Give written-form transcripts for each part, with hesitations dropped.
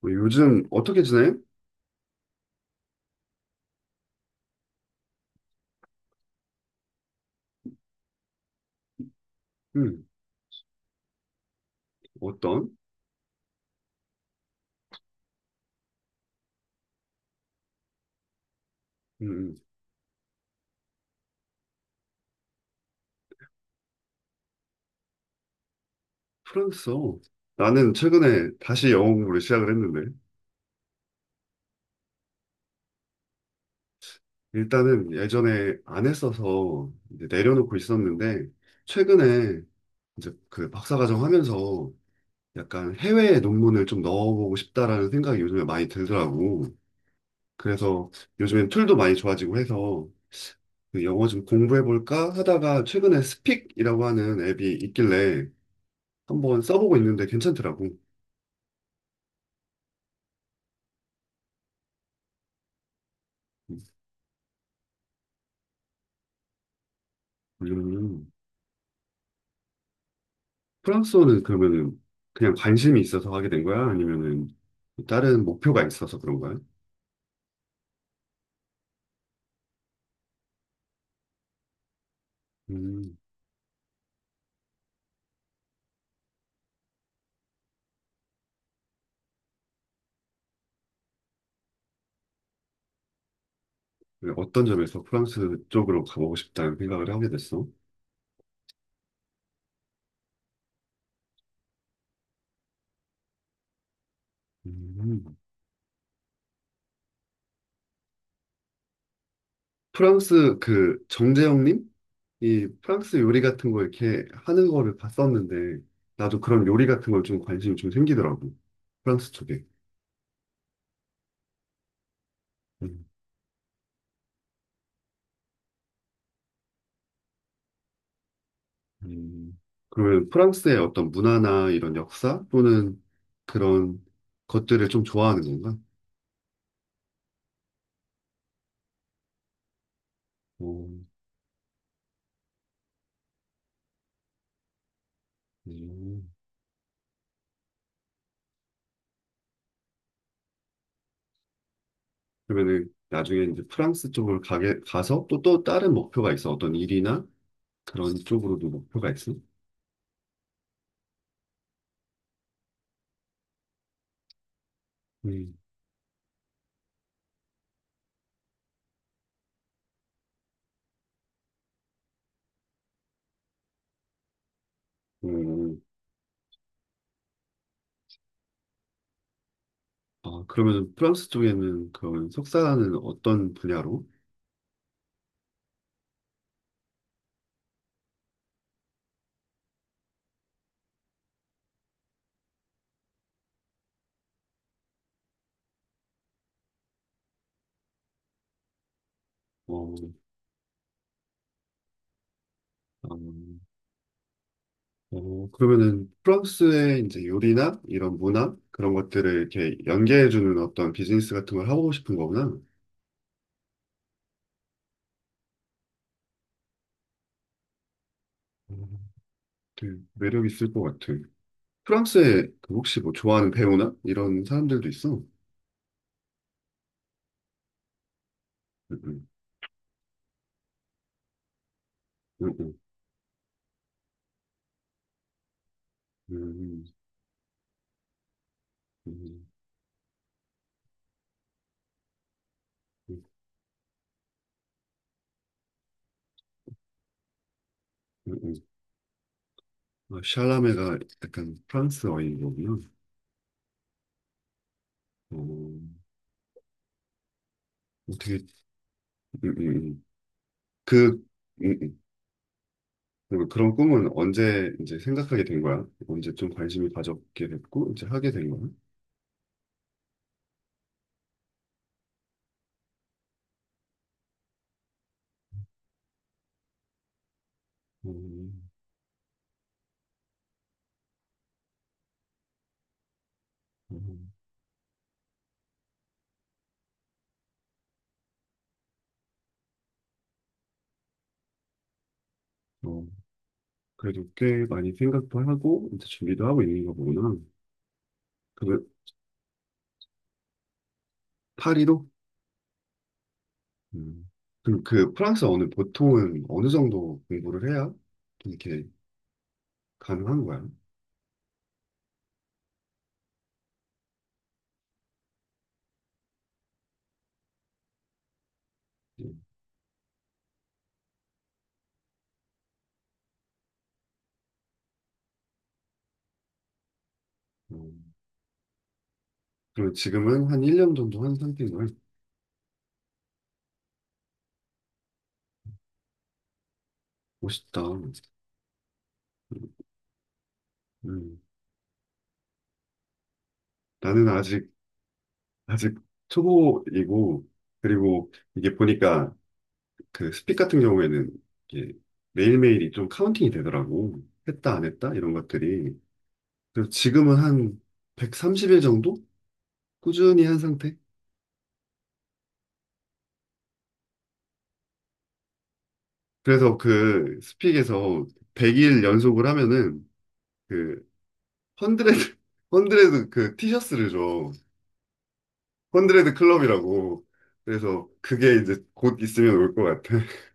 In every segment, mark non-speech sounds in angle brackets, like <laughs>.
뭐 요즘 어떻게 지내? 음, 어떤? 음, 음. 프랑스어. 나는 최근에 다시 영어 공부를 시작을 했는데, 일단은 예전에 안 했어서 이제 내려놓고 있었는데, 최근에 이제 그 박사과정 하면서 약간 해외 논문을 좀 넣어보고 싶다라는 생각이 요즘에 많이 들더라고. 그래서 요즘엔 툴도 많이 좋아지고 해서 그 영어 좀 공부해볼까 하다가 최근에 스픽이라고 하는 앱이 있길래 한번 써보고 있는데 괜찮더라고. 음. 프랑스어는 그러면은 그냥 관심이 있어서 하게 된 거야? 아니면은 다른 목표가 있어서 그런 거야? 음, 어떤 점에서 프랑스 쪽으로 가보고 싶다는 생각을 하게 됐어? 음. 프랑스 그 정재영님? 이 프랑스 요리 같은 거 이렇게 하는 거를 봤었는데 나도 그런 요리 같은 걸 좀 관심이 좀 생기더라고. 프랑스 쪽에. 음. 음. 그러면 프랑스의 어떤 문화나 이런 역사 또는 그런 것들을 좀 좋아하는 건가? 음. 그러면은 나중에 이제 프랑스 쪽으로 가게 가서 또 다른 목표가 있어. 어떤 일이나 그런 쪽으로도 목표가 있어. 음. 음. 아, 그러면 프랑스 쪽에는 그런 석사는 어떤 분야로? 어, 어, 그러면은 프랑스의 이제 요리나 이런 문화 그런 것들을 이렇게 연계해주는 어떤 비즈니스 같은 걸 하고 싶은 거구나. 음, 되게 매력 있을 것 같아. 프랑스에 그 혹시 뭐 좋아하는 배우나 이런 사람들도 있어? 응. 응, 응, 음, 음, 음, 음, 음. 아, 샬라메가 약간 프랑스어인 거군요. 어, 어떻게, 음, 음. 그, 음, 음. 그리고 그런 꿈은 언제 이제 생각하게 된 거야? 언제 좀 관심이 가졌게 됐고, 이제 하게 된 거야? 음, 음, 어, 그래도 꽤 많이 생각도 하고, 이제 준비도 하고 있는 거구나. 그, 파리로? 음. 그럼 그 프랑스어는 보통은 어느 정도 공부를 해야 좀 이렇게 가능한 거야? 음. 어. 그리고 지금은 한 1년 정도 한 상태인걸? 멋있다. 음. 나는 아직, 아직 초보이고, 그리고 이게 보니까 그 스픽 같은 경우에는 이게 매일매일이 좀 카운팅이 되더라고. 했다, 안 했다? 이런 것들이. 그래서 지금은 한 130일 정도? 꾸준히 한 상태? 그래서 그 스픽에서 100일 연속을 하면은 그 헌드레드, <laughs> 헌드레드 그 티셔츠를 줘. 헌드레드 클럽이라고. 그래서 그게 이제 곧 있으면 올 것 같아. <laughs>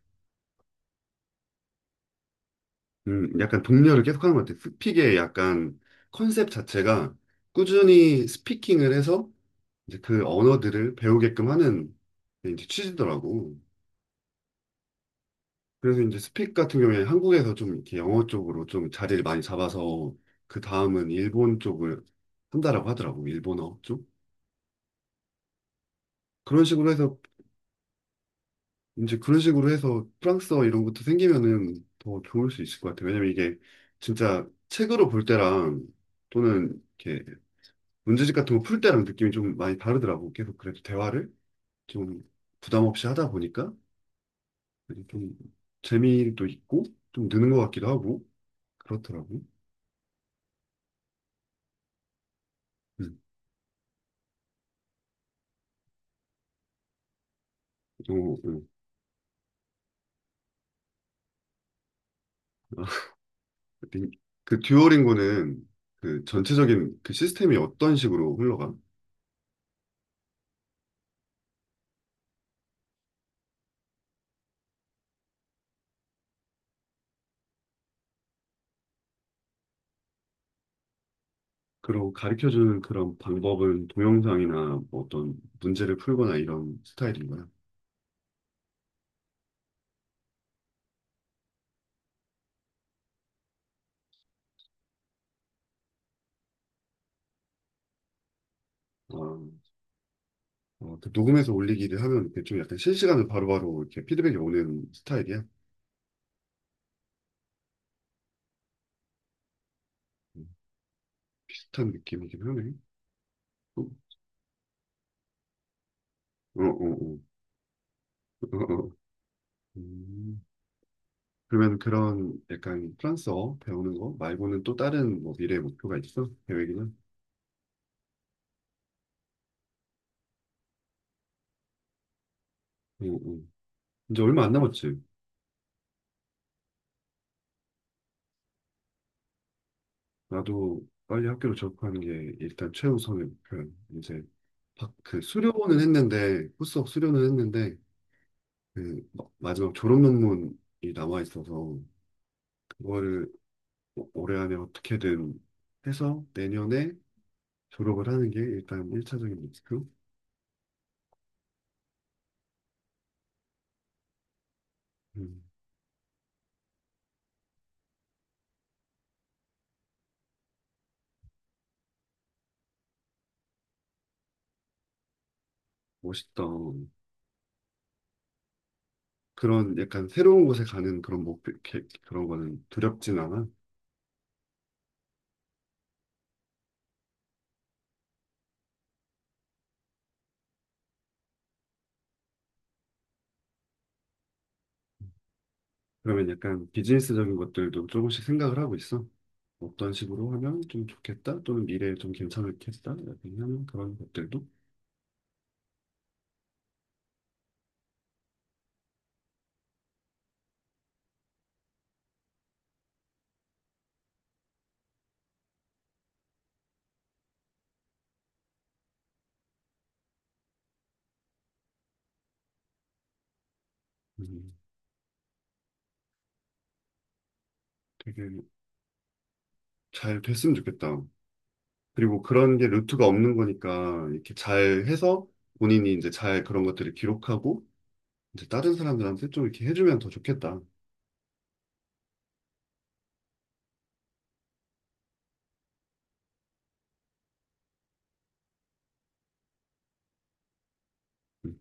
약간 독려를 계속하는 것 같아. 스픽의 약간 컨셉 자체가 꾸준히 스피킹을 해서 이제 그 언어들을 배우게끔 하는 게 이제 취지더라고. 그래서 이제 스픽 같은 경우에 한국에서 좀 이렇게 영어 쪽으로 좀 자리를 많이 잡아서 그 다음은 일본 쪽을 한다라고 하더라고. 일본어 쪽. 그런 식으로 해서 이제 그런 식으로 해서 프랑스어 이런 것도 생기면은 더 좋을 수 있을 것 같아요. 왜냐면 이게 진짜 책으로 볼 때랑 또는 이렇게 문제집 같은 거 풀 때랑 느낌이 좀 많이 다르더라고. 계속 그래도 대화를 좀 부담 없이 하다 보니까 좀 재미도 있고 좀 느는 것 같기도 하고 그렇더라고. 음. 어, 어. <laughs> 그 듀오링고는 그 전체적인 그 시스템이 어떤 식으로 흘러가? 그리고 가르쳐줄 그런 방법은 동영상이나 뭐 어떤 문제를 풀거나 이런 스타일인가요? 아, 어, 그 녹음해서 올리기를 하면 이렇게 좀 약간 실시간으로 바로바로 이렇게 피드백이 오는 스타일이야? 음, 비슷한 느낌이긴 하네. 어, 어, 어, 어, <laughs> 어. 음, 그러면 그런 약간 프랑스어 배우는 거 말고는 또 다른 뭐 미래 목표가 있어? 계획이나? 응, 응. 이제 얼마 안 남았지. 나도 빨리 학교를 졸업하는 게 일단 최우선의 목표야. 이제 그 수료는 했는데 후속 수료는 했는데 그 마지막 졸업 논문이 남아 있어서 그거를 올해 안에 어떻게든 해서 내년에 졸업을 하는 게 일단 1차적인 목표. 음, 멋있다. 그런 약간 새로운 곳에 가는 그런 목표 그런 거는 두렵진 않아. 그러면 약간 비즈니스적인 것들도 조금씩 생각을 하고 있어. 어떤 식으로 하면 좀 좋겠다 또는 미래에 좀 괜찮겠다 약간 하는 그런 것들도 음, 되게 잘 됐으면 좋겠다. 그리고 그런 게 루트가 없는 거니까 이렇게 잘 해서 본인이 이제 잘 그런 것들을 기록하고 이제 다른 사람들한테 좀 이렇게 해주면 더 좋겠다. 음,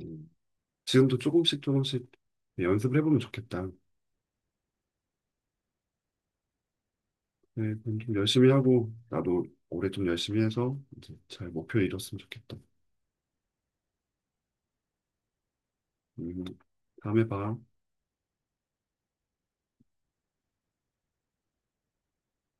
음. 지금도 조금씩 조금씩 연습을 해보면 좋겠다. 네, 그럼 좀 열심히 하고 나도 올해 좀 열심히 해서 이제 잘 목표 이뤘으면 좋겠다. 음, 다음에 봐.